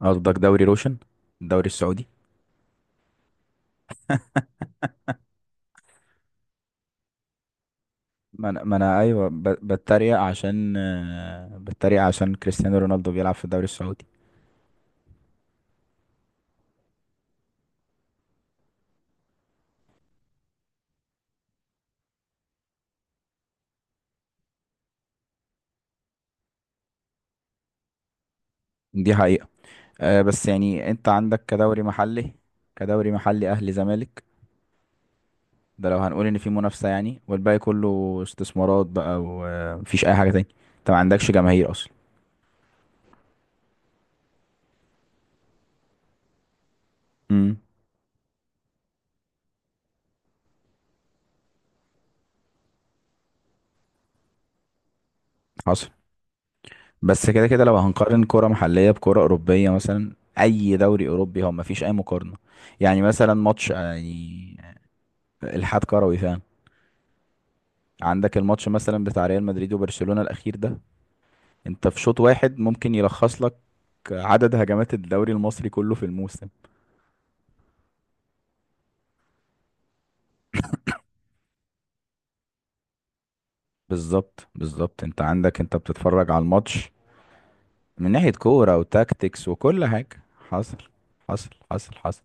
قصدك دوري روشن، الدوري السعودي. ما انا ايوه بتريق عشان بتريق عشان كريستيانو رونالدو بيلعب في الدوري السعودي. دي حقيقة. بس يعني انت عندك كدوري محلي، كدوري محلي اهلي زمالك ده لو هنقول ان في منافسة، يعني والباقي كله استثمارات بقى ومفيش اي حاجة تاني. انت ما عندكش جماهير اصلا. امم. حصل. بس كده كده لو هنقارن كرة محلية بكرة أوروبية، مثلا أي دوري أوروبي، هو مفيش أي مقارنة. يعني مثلا ماتش يعني الحاد كروي فعلا. عندك الماتش مثلا بتاع ريال مدريد وبرشلونة الأخير ده، أنت في شوط واحد ممكن يلخص لك عدد هجمات الدوري المصري كله في الموسم. بالظبط بالظبط. أنت عندك، أنت بتتفرج على الماتش من ناحية كورة وتاكتكس وكل حاجة. حصل حصل.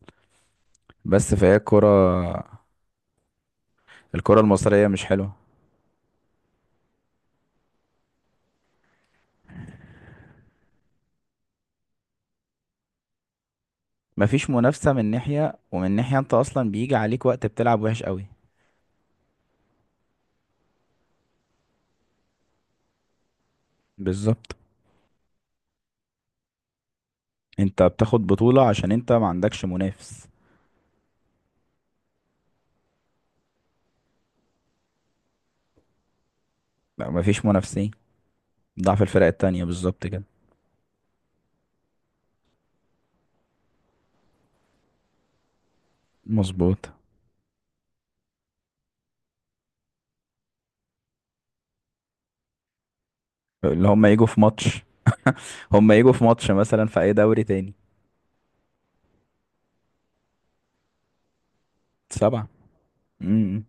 بس فهي الكرة، الكرة المصرية مش حلوة. مفيش منافسة من ناحية، ومن ناحية أنت أصلا بيجي عليك وقت بتلعب وحش قوي. بالظبط، أنت بتاخد بطولة عشان أنت ما عندكش منافس. لا مفيش منافسين، ضعف الفرق التانية بالظبط كده. مظبوط. اللي هم يجوا في ماتش، هم يجوا في ماتش مثلا في اي دوري تاني. سبعة. امم.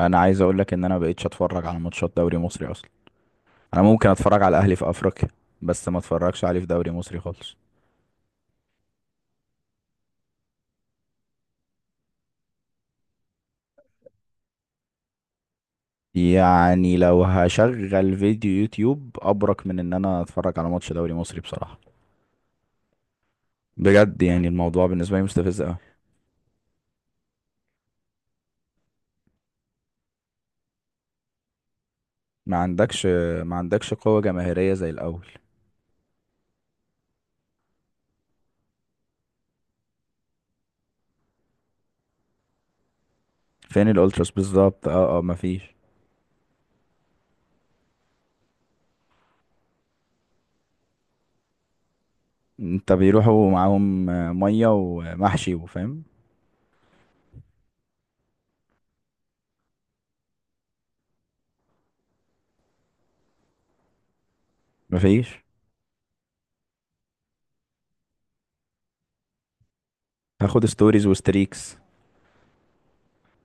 انا عايز اقول لك ان انا مبقتش اتفرج على ماتشات دوري مصري اصلا. انا ممكن اتفرج على الاهلي في افريقيا، بس ما اتفرجش عليه في دوري مصري خالص. يعني لو هشغل فيديو يوتيوب ابرك من ان انا اتفرج على ماتش دوري مصري بصراحة. بجد يعني الموضوع بالنسبة لي مستفز قوي. ما عندكش ما عندكش قوة جماهيرية زي الاول. فين الالتراس بالظبط. اه اه مفيش. انت بيروحوا معاهم ميه ومحشي وفاهم. مفيش، هاخد ستوريز وستريكس.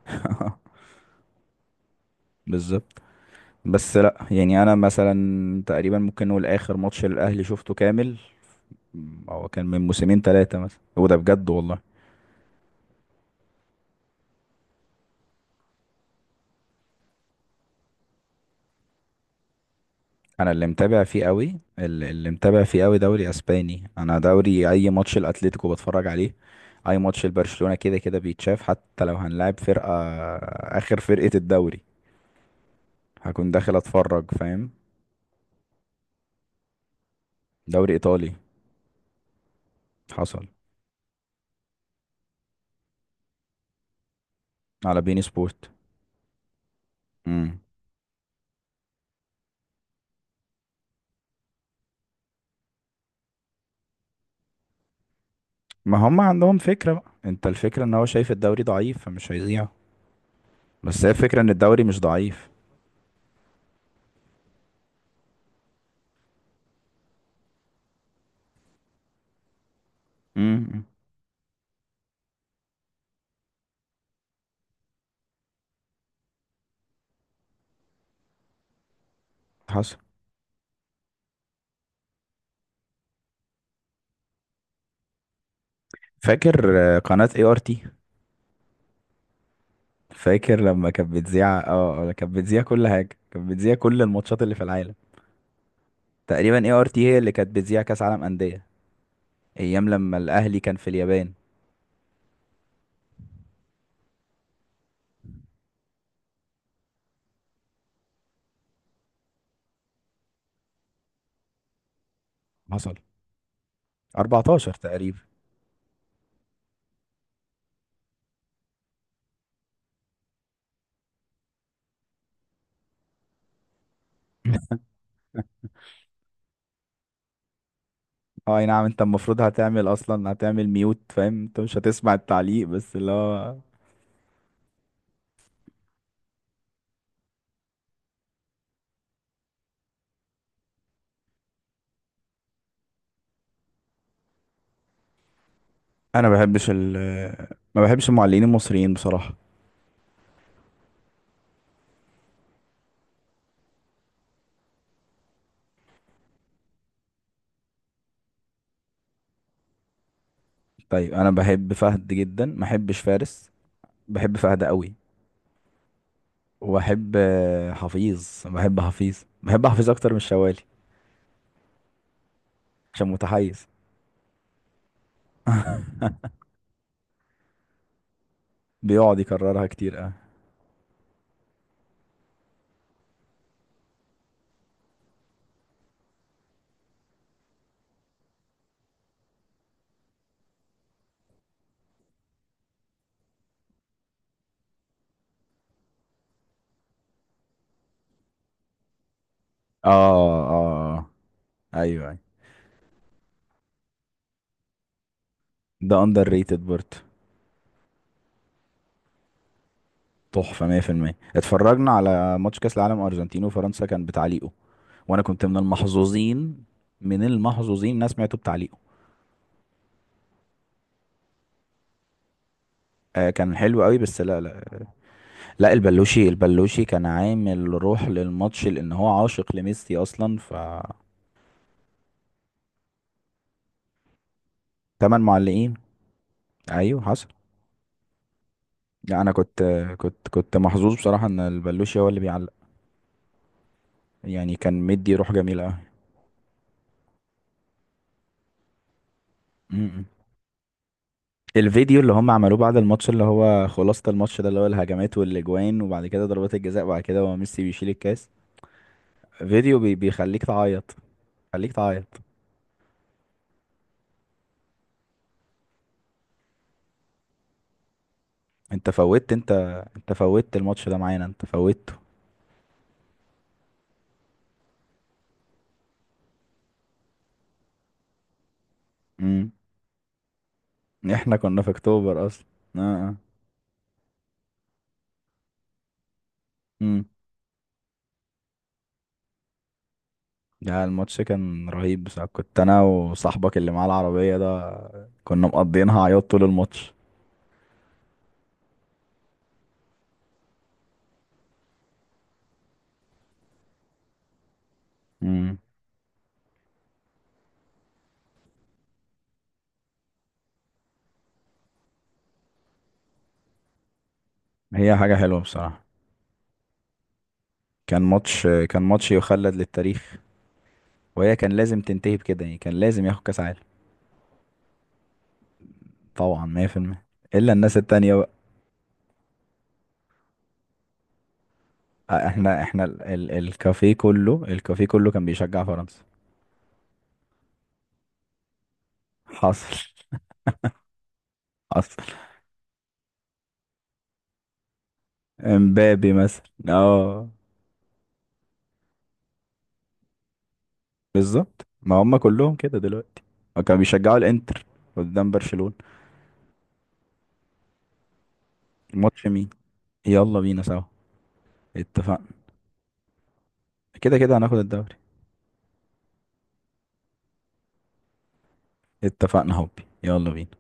بالظبط. بس لا يعني انا مثلا تقريبا ممكن نقول اخر ماتش للاهلي شفته كامل، هو كان من موسمين ثلاثه مثلا، وده بجد والله. انا اللي متابع فيه قوي، اللي متابع فيه قوي دوري اسباني. انا دوري اي ماتش الاتليتيكو بتفرج عليه. اي ماتش لبرشلونه كده كده بيتشاف، حتى لو هنلعب فرقه، اخر فرقه الدوري، هكون داخل اتفرج فاهم. دوري ايطالي. حصل. على بين سبورت. امم. ما هم عندهم فكرة بقى، انت الفكرة ان هو شايف الدوري ضعيف فمش هيذيع. بس هي الفكرة ان الدوري مش ضعيف. امم. حصل. فاكر قناة اي ار تي. فاكر لما كانت بتذيع، اه كانت بتذيع كل حاجة، كانت بتذيع كل الماتشات اللي في العالم تقريبا. اي ار تي هي اللي كانت بتذيع كاس عالم أندية، ايام لما الاهلي كان في اليابان. حصل. 14 تقريبا. اه اي نعم. انت المفروض هتعمل اصلا، هتعمل ميوت فاهم، انت مش هتسمع التعليق بس اللي هو. انا ما بحبش ال، ما بحبش المعلقين المصريين بصراحة. طيب انا بحب فهد جدا، ما بحبش فارس. بحب فهد قوي. وبحب حفيظ، بحب حفيظ، بحب حفيظ اكتر من الشوالي. عشان متحيز. بيقعد يكررها كتير. اه اه اه آه. ايوه ايوه. ده اندر ريتد برضه. تحفة 100%. اتفرجنا على ماتش كاس العالم ارجنتين وفرنسا كان بتعليقه. وانا كنت من المحظوظين، من المحظوظين إن انا سمعته بتعليقه. آه كان حلو قوي. بس لا, لا البلوشي، البلوشي كان عامل روح للماتش لان هو عاشق لميسي اصلا. ف، تمن معلقين. ايوه حصل. لا انا كنت، كنت محظوظ بصراحه ان البلوشي هو اللي بيعلق. يعني كان مدي روح جميله قوي. م-م. الفيديو اللي هم عملوه بعد الماتش، اللي هو خلاصة الماتش ده، اللي هو الهجمات والاجوان، وبعد كده ضربات الجزاء، وبعد كده هو ميسي بيشيل الكاس. فيديو بي بيخليك تعيط، خليك تعيط. انت انت فوتت الماتش ده معانا، انت فوتته. امم. احنا كنا في اكتوبر اصلا. اه آه. امم. ده الماتش كان رهيب بصراحة. كنت انا وصاحبك اللي معاه العربية ده كنا مقضيينها عياط طول الماتش. امم. هي حاجة حلوة بصراحة. كان ماتش، كان ماتش يخلد للتاريخ. وهي كان لازم تنتهي بكده، يعني كان لازم ياخد كاس عالم. طبعا 100%. الا الناس التانية بقى. احنا ال ال الكافيه كله، الكافيه كله كان بيشجع فرنسا. حصل. حصل. امبابي مثلا اه. بالظبط، ما هم كلهم كده دلوقتي. كانوا بيشجعوا الانتر قدام برشلونة. ماتش مين؟ يلا بينا سوا. اتفقنا. كده كده هناخد الدوري. اتفقنا، هوبي يلا بينا.